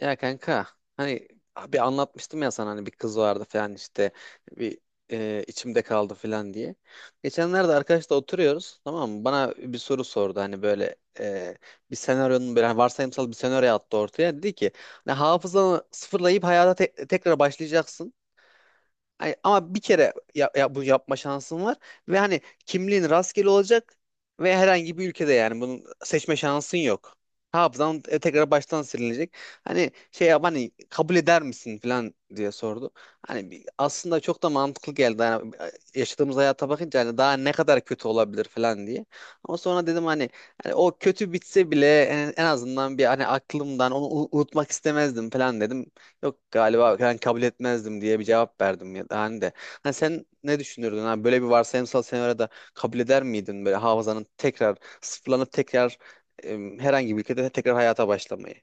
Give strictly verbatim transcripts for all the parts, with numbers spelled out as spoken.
Ya kanka, hani bir anlatmıştım ya sana, hani bir kız vardı falan işte bir e, içimde kaldı falan diye. Geçenlerde arkadaşla oturuyoruz, tamam mı? Bana bir soru sordu, hani böyle e, bir senaryonun, böyle hani varsayımsal bir senaryo attı ortaya. Dedi ki hani hafızanı sıfırlayıp hayata te- tekrar başlayacaksın. Ay, ama bir kere ya, ya- bu yapma şansın var ve hani kimliğin rastgele olacak ve herhangi bir ülkede, yani bunun seçme şansın yok. Hafızan e, tekrar baştan silinecek. Hani şey yap, hani kabul eder misin falan diye sordu. Hani bir- aslında çok da mantıklı geldi. Yani yaşadığımız hayata bakınca hani daha ne kadar kötü olabilir falan diye. Ama sonra dedim hani, hani o kötü bitse bile en, en azından bir hani aklımdan onu u- unutmak istemezdim falan dedim. Yok, galiba ben kabul etmezdim diye bir cevap verdim, ya da hani de. Hani sen ne düşünürdün? Hani böyle bir varsayımsal senaryoda kabul eder miydin, böyle hafızanın tekrar sıfırlanıp tekrar em, herhangi bir ülkede tekrar hayata başlamayı?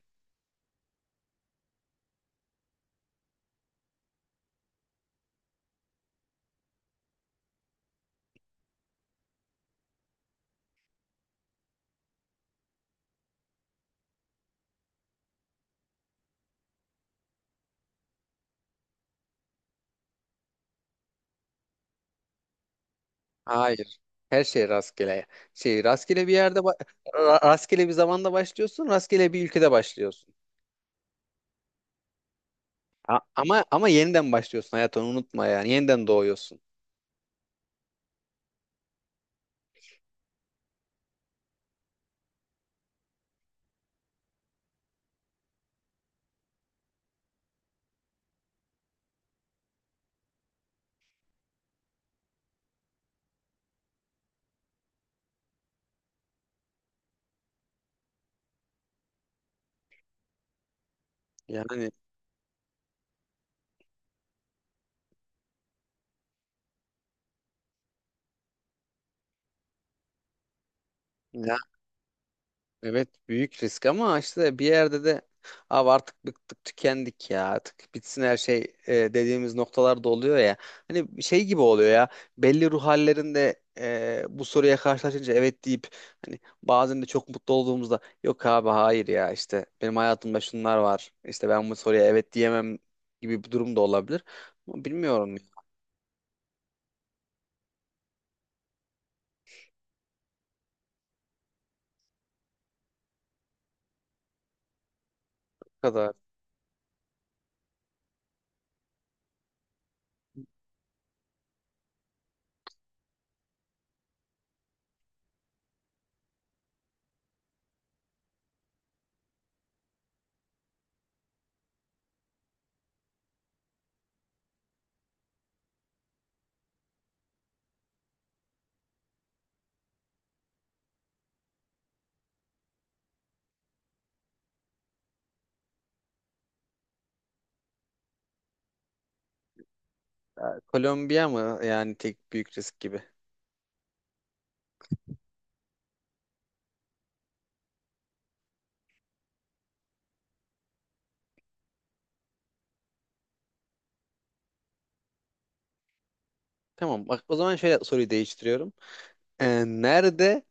Hayır. Her şey rastgele. Şey, rastgele bir yerde ba- ra- rastgele bir zamanda başlıyorsun, rastgele bir ülkede başlıyorsun. A- ama ama yeniden başlıyorsun, hayatını unutma yani. Yeniden doğuyorsun. Yani evet, büyük risk, ama işte bir yerde de abi artık bıktık tükendik ya, artık bitsin her şey e, dediğimiz noktalarda oluyor ya. Hani şey gibi oluyor ya, belli ruh hallerinde e, bu soruya karşılaşınca evet deyip, hani bazen de çok mutlu olduğumuzda yok abi hayır ya, işte benim hayatımda şunlar var, işte ben bu soruya evet diyemem gibi bir durum da olabilir. Ama bilmiyorum ne kadar. Ya, Kolombiya mı yani tek büyük risk gibi. Tamam bak, o zaman şöyle soruyu değiştiriyorum. E, nerede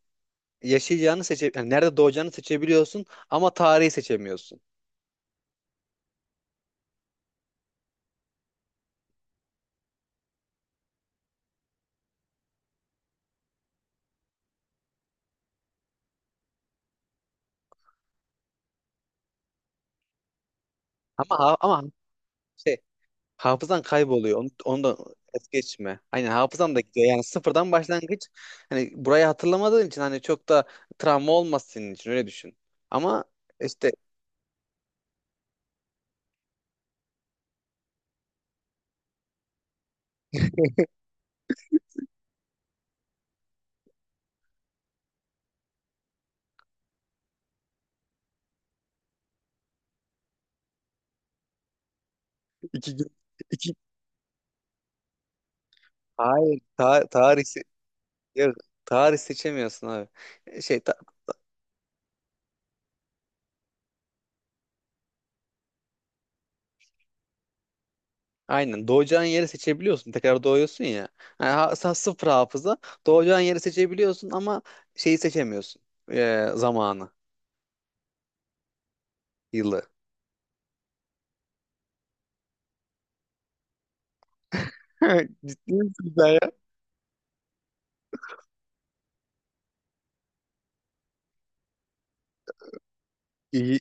yaşayacağını seçe, yani nerede doğacağını seçebiliyorsun ama tarihi seçemiyorsun. Ama ha- ama şey, hafızan kayboluyor. Onu, onu da es geçme. Aynen, hafızan da gidiyor. Yani sıfırdan başlangıç. Hani burayı hatırlamadığın için hani çok da travma olmaz senin için, öyle düşün. Ama işte iki gün iki hayır ta, tarih se- ya, tarih seçemiyorsun abi. Şey ta- Aynen. Doğacağın yeri seçebiliyorsun. Tekrar doğuyorsun ya. Yani ha- sa- sıfır hafıza. Doğacağın yeri seçebiliyorsun ama şeyi seçemiyorsun. Ee, zamanı, yılı. Ciddi misin sen ya? İyi,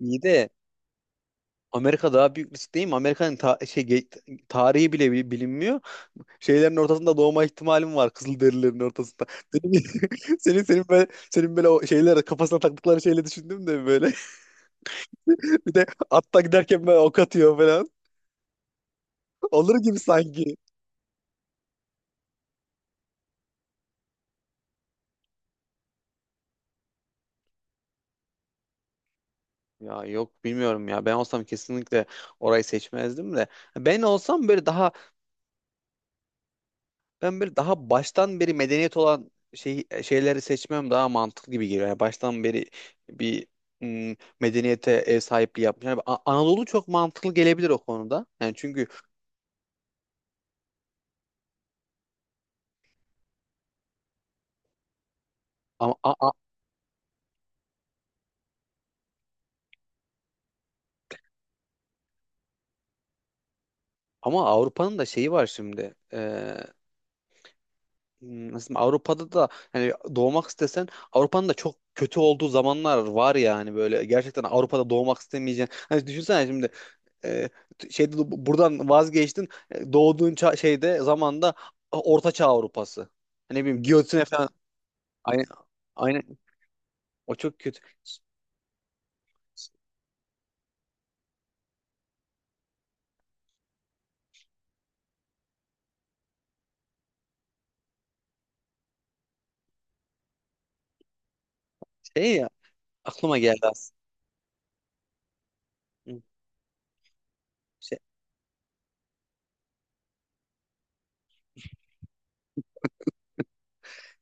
iyi de Amerika daha büyük risk değil mi? Amerika'nın ta- şey, ge- tarihi bile bi- bilinmiyor. Şeylerin ortasında doğma ihtimalim var. Kızılderililerin ortasında. Senin, senin, senin böyle, senin böyle o şeyler kafasına taktıkları şeyle düşündüm de böyle. Bir de atta giderken böyle ok atıyor falan. Olur gibi sanki. Ya yok, bilmiyorum ya. Ben olsam kesinlikle orayı seçmezdim de. Ben olsam böyle daha ben böyle daha baştan beri medeniyet olan şey şeyleri seçmem daha mantıklı gibi geliyor. Yani baştan beri bir mm, medeniyete ev sahipliği yapmış. Yani A- Anadolu çok mantıklı gelebilir o konuda. Yani çünkü ama a- a- ama Avrupa'nın da şeyi var şimdi. Ee, mm, nasıl diyeyim, Avrupa'da da hani doğmak istesen Avrupa'nın da çok kötü olduğu zamanlar var yani, böyle gerçekten Avrupa'da doğmak istemeyeceğin. Hani düşünsene şimdi e, şeyde buradan vazgeçtin. E, doğduğun ça- şeyde zamanda o- Orta Çağ Avrupası. Hani ne bileyim giyotine falan. Aynen. Aynen. O çok kötü. Şey ya, aklıma geldi aslında. Hı.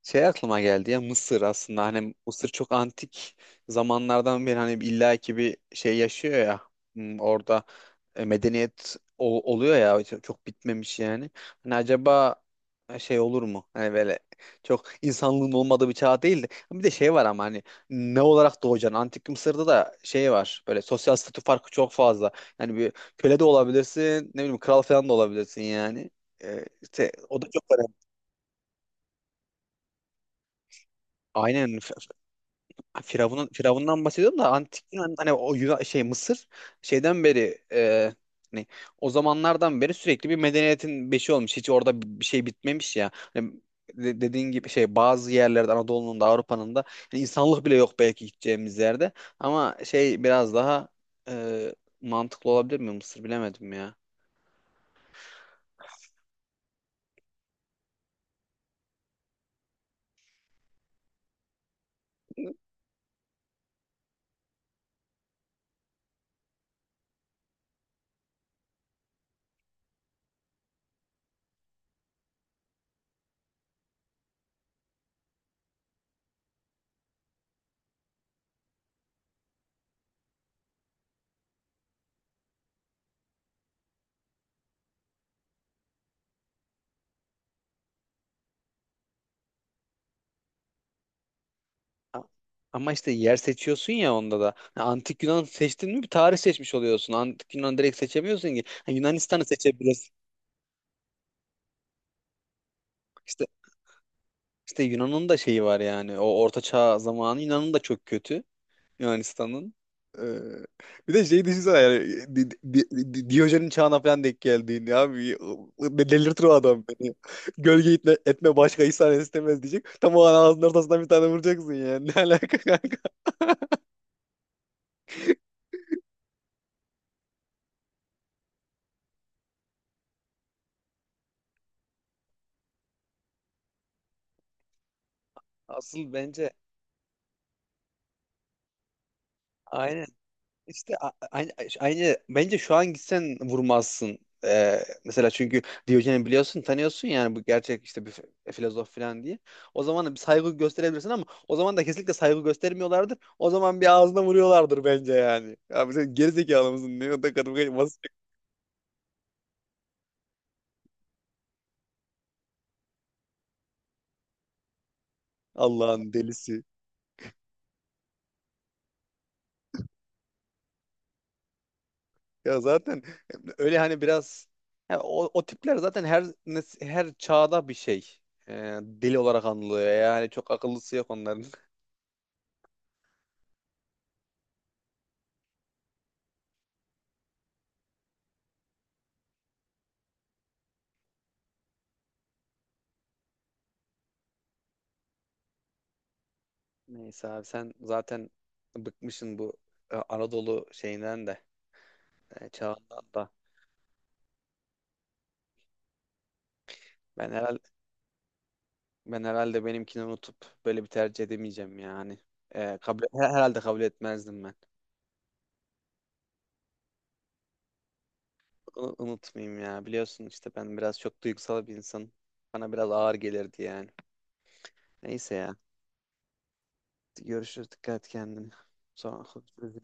Şey aklıma geldi ya, Mısır aslında, hani Mısır çok antik zamanlardan beri hani illa ki bir şey yaşıyor ya. Hmm, orada e, medeniyet o- oluyor ya, çok çok bitmemiş yani. Hani acaba e, şey olur mu? Hani böyle çok insanlığın olmadığı bir çağ değil de, bir de şey var ama hani ne olarak doğacaksın? Antik Mısır'da da şey var, böyle sosyal statü farkı çok fazla. Yani bir köle de olabilirsin, ne bileyim kral falan da olabilirsin yani. Ee, işte o da çok önemli. Aynen. Ha, Firavun'un Firavun'dan bahsediyorum da, antik Yunan hani o Yunan, şey Mısır şeyden beri e, hani o zamanlardan beri sürekli bir medeniyetin beşi olmuş. Hiç orada bir bir şey bitmemiş ya. Hani de- dediğin gibi şey, bazı yerlerde Anadolu'nun da Avrupa'nın da hani insanlık bile yok belki gideceğimiz yerde. Ama şey biraz daha e, mantıklı olabilir mi Mısır, bilemedim ya. A- Ama işte yer seçiyorsun ya onda da. Ha, Antik Yunan seçtin mi bir tarih seçmiş oluyorsun. Antik Yunan direkt seçemiyorsun ki. Ha, Yunanistan'ı seçebilirsin. İşte işte Yunan'ın da şeyi var yani. O Orta Çağ zamanı Yunan'ın da çok kötü. Yunanistan'ın. Ee, bir de şey düşünsene yani, Di- Di- Di- Diyojen'in çağına falan denk geldiğini abi, Be- delirtir o adam beni. Gölge etme, etme başka ihsan istemez diyecek. Tam o an ağzının ortasından bir tane vuracaksın yani. Ne alaka kanka? Asıl bence aynen. İşte a- aynı, aynı bence şu an gitsen vurmazsın. Ee, mesela çünkü Diyojen'i biliyorsun, tanıyorsun yani, bu gerçek işte bir f- e, filozof falan diye. O zaman da bir saygı gösterebilirsin, ama o zaman da kesinlikle saygı göstermiyorlardır. O zaman bir ağzına vuruyorlardır bence yani. Ya sen gerizekalı mısın? Ne kadar kadın basit. Allah'ın delisi. Ya zaten öyle hani biraz ya o, o tipler zaten her nes- her çağda bir şey. Ee, deli olarak anılıyor. Yani çok akıllısı yok onların. Neyse abi, sen zaten bıkmışsın bu e, Anadolu şeyinden de e, çağından da. Ben herhalde ben herhalde benimkini unutup böyle bir tercih edemeyeceğim yani. E, kabul, her- herhalde kabul etmezdim ben. Bunu unutmayayım ya. Biliyorsun işte ben biraz çok duygusal bir insanım. Bana biraz ağır gelirdi yani. Neyse ya. Görüşürüz. Dikkat et kendine. Sonra konuşuruz.